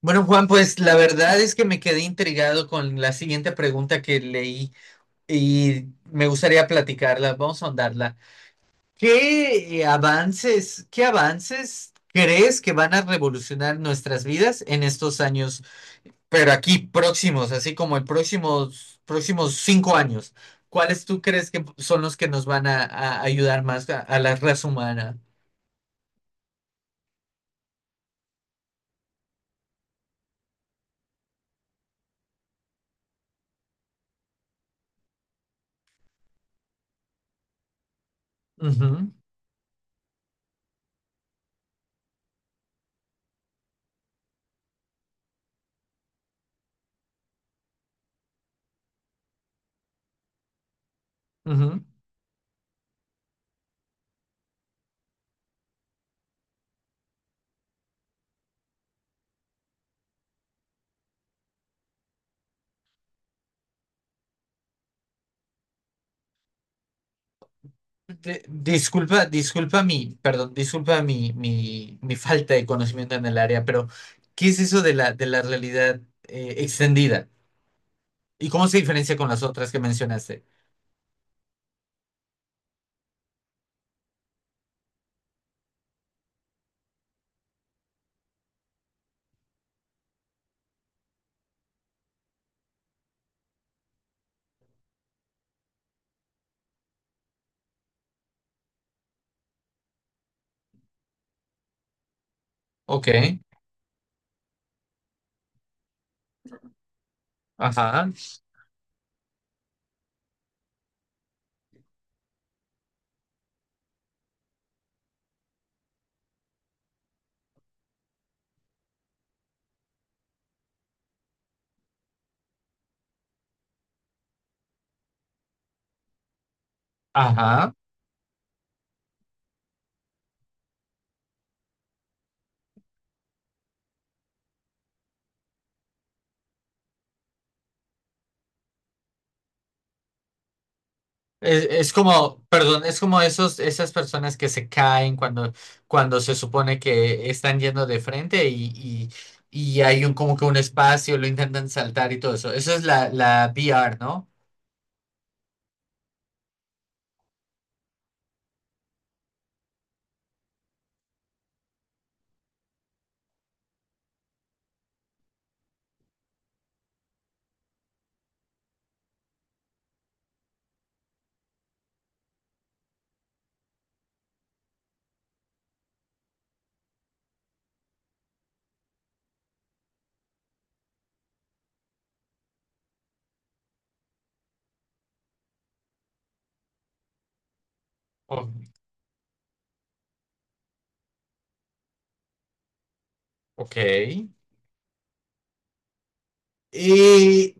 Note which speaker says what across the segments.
Speaker 1: Bueno, Juan, pues la verdad es que me quedé intrigado con la siguiente pregunta que leí y me gustaría platicarla. Vamos a ahondarla. ¿Qué avances, qué avances crees que van a revolucionar nuestras vidas en estos años, pero aquí próximos, así como el próximos 5 años? ¿Cuáles tú crees que son los que nos van a ayudar más a la raza humana? Ujú, ujú. Disculpa, disculpa mi, perdón, disculpa mi falta de conocimiento en el área, pero ¿qué es eso de la realidad extendida? ¿Y cómo se diferencia con las otras que mencionaste? Ok, ajá, ajá. Es como, perdón, es como esos, esas personas que se caen cuando, cuando se supone que están yendo de frente y hay un, como que un espacio, lo intentan saltar y todo eso. Eso es la, la V R, ¿no? O- ok. Y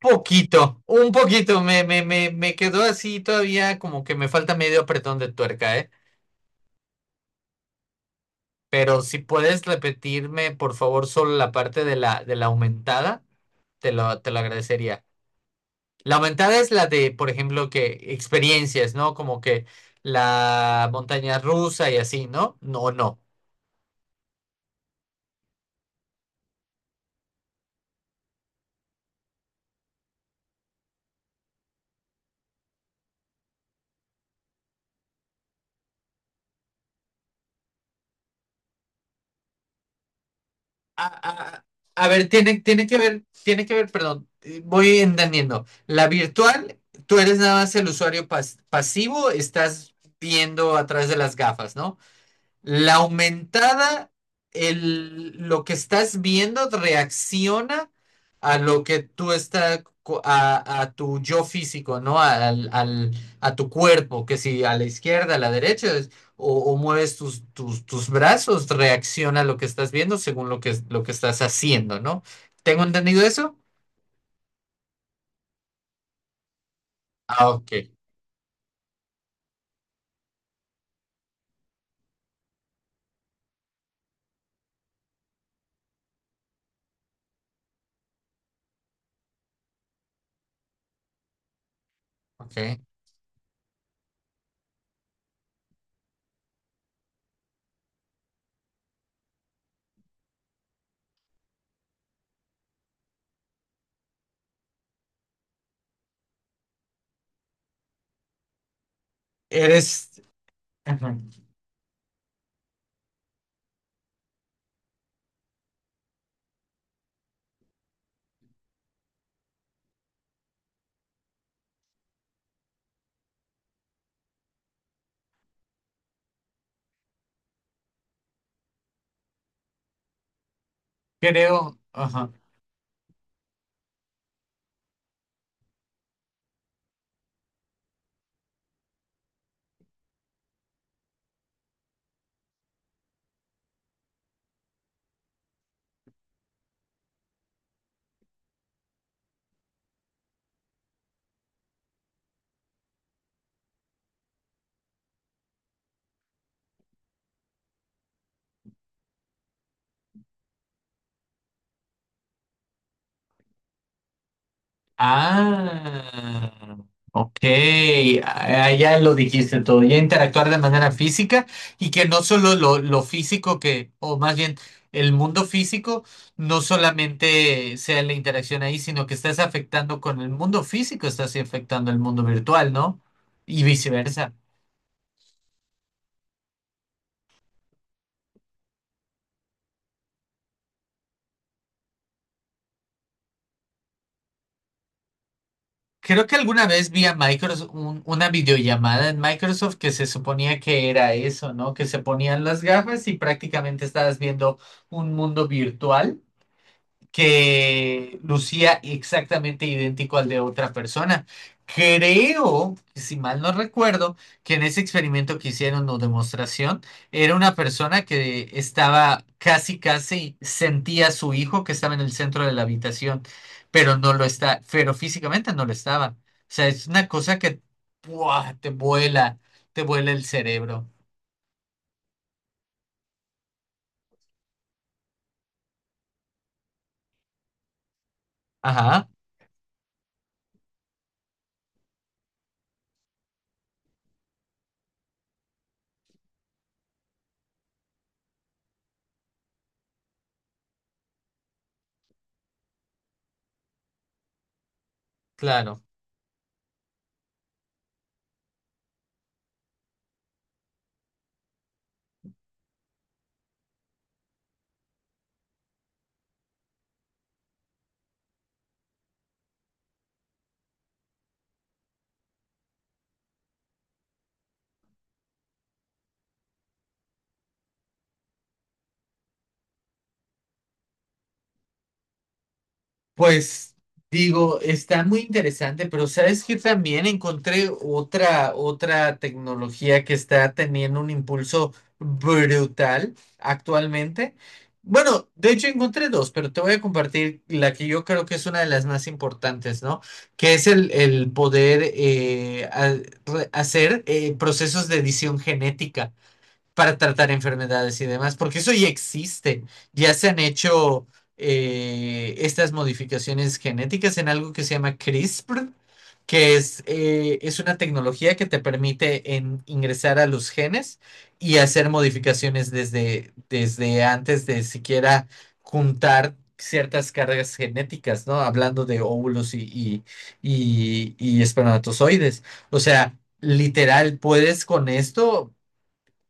Speaker 1: poquito, un poquito, me quedó así todavía como que me falta medio apretón de tuerca, ¿eh? Pero si puedes repetirme, por favor, solo la parte de la aumentada, te lo agradecería. La aumentada es la de, por ejemplo, que experiencias, ¿no? Como que la montaña rusa y así, ¿no? No, no. A, a- a ver, tiene, tiene que ver, perdón, voy entendiendo. La virtual, tú eres nada más el usuario pasivo, estás viendo a través de las gafas, ¿no? La aumentada, el, lo que estás viendo reacciona a lo que tú estás, a tu yo físico, ¿no? A tu cuerpo, que si a la izquierda, a la derecha, o mueves tus brazos, reacciona a lo que estás viendo según lo que estás haciendo, ¿no? ¿Tengo entendido eso? Ah, ok, ok. Eres, ajá, creo, ajá. Ah, ok. Ah, ya lo dijiste todo. Ya interactuar de manera física y que no solo lo físico que, o más bien el mundo físico, no solamente sea la interacción ahí, sino que estás afectando con el mundo físico, estás afectando el mundo virtual, ¿no? Y viceversa. Creo que alguna vez vi a Microsoft una videollamada en Microsoft que se suponía que era eso, ¿no? Que se ponían las gafas y prácticamente estabas viendo un mundo virtual que lucía exactamente idéntico al de otra persona. Creo, si mal no recuerdo, que en ese experimento que hicieron o demostración, era una persona que estaba casi, casi sentía a su hijo que estaba en el centro de la habitación, pero no lo está, pero físicamente no lo estaba. O sea, es una cosa que ¡buah! Te vuela el cerebro. Ajá, claro. Pues digo, está muy interesante, pero sabes que también encontré otra, otra tecnología que está teniendo un impulso brutal actualmente. Bueno, de hecho encontré dos, pero te voy a compartir la que yo creo que es una de las más importantes, ¿no? Que es el poder hacer procesos de edición genética para tratar enfermedades y demás, porque eso ya existe. Ya se han hecho estas modificaciones genéticas en algo que se llama CRISPR, que es una tecnología que te permite ingresar a los genes y hacer modificaciones desde, desde antes de siquiera juntar ciertas cargas genéticas, ¿no? Hablando de óvulos y espermatozoides. O sea, literal, puedes con esto,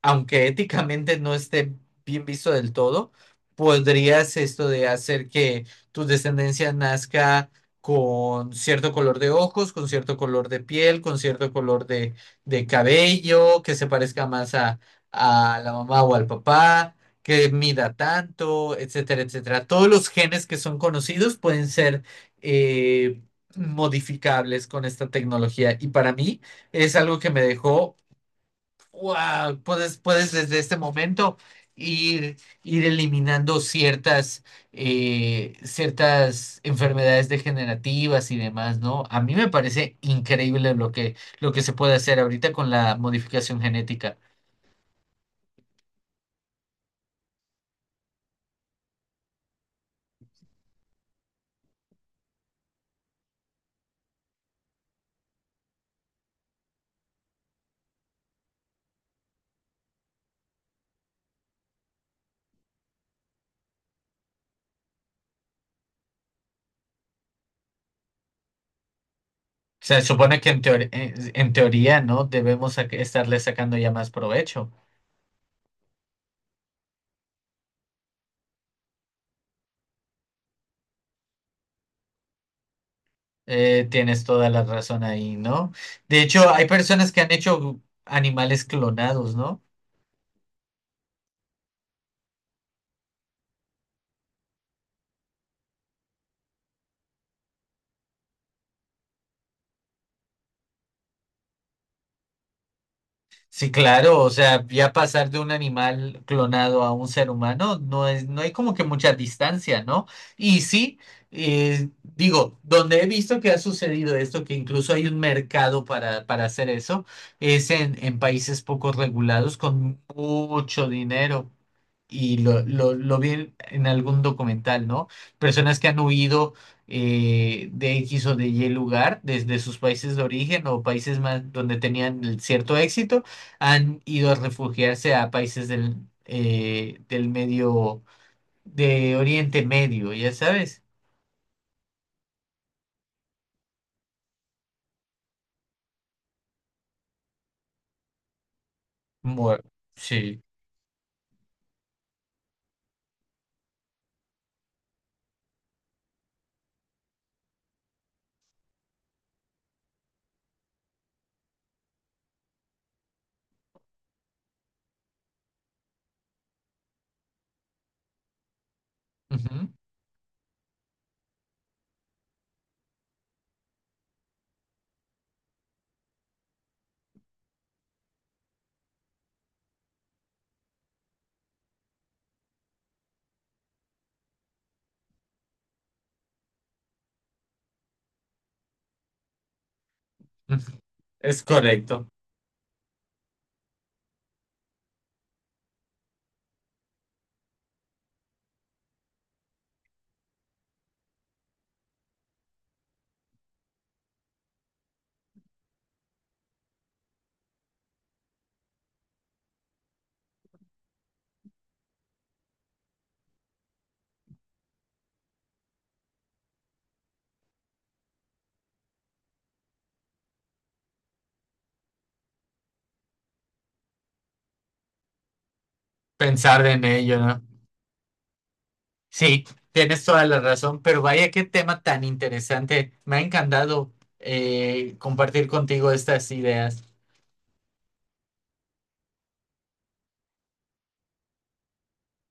Speaker 1: aunque éticamente no esté bien visto del todo, podrías esto de hacer que tu descendencia nazca con cierto color de ojos, con cierto color de piel, con cierto color de cabello, que se parezca más a la mamá o al papá, que mida tanto, etcétera, etcétera. Todos los genes que son conocidos pueden ser eh, modificables con esta tecnología y para mí es algo que me dejó wow. Puedes, puedes desde este momento ir, ir eliminando ciertas, ciertas enfermedades degenerativas y demás, ¿no? A mí me parece increíble lo que se puede hacer ahorita con la modificación genética. Se supone que en teoría, ¿no? Estarle sacando ya más provecho. Tienes toda la razón ahí, ¿no? De hecho, hay personas que han hecho animales clonados, ¿no? Sí, claro, o sea, ya pasar de un animal clonado a un ser humano no es, no hay como que mucha distancia, ¿no? Y sí, digo, donde he visto que ha sucedido esto, que incluso hay un mercado para hacer eso, es en países poco regulados con mucho dinero y lo vi en algún documental, ¿no? Personas que han huido de X o de Y lugar desde sus países de origen o países más donde tenían el cierto éxito, han ido a refugiarse a países del, del medio, de Oriente Medio, ya sabes. Bueno, sí. Ujú, ujú. Es correcto. Pensar en ello, ¿no? Sí, tienes toda la razón, pero vaya qué tema tan interesante. Me ha encantado compartir contigo estas ideas.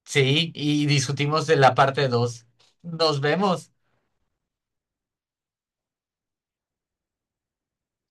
Speaker 1: Sí, y discutimos de la parte 2. Nos vemos.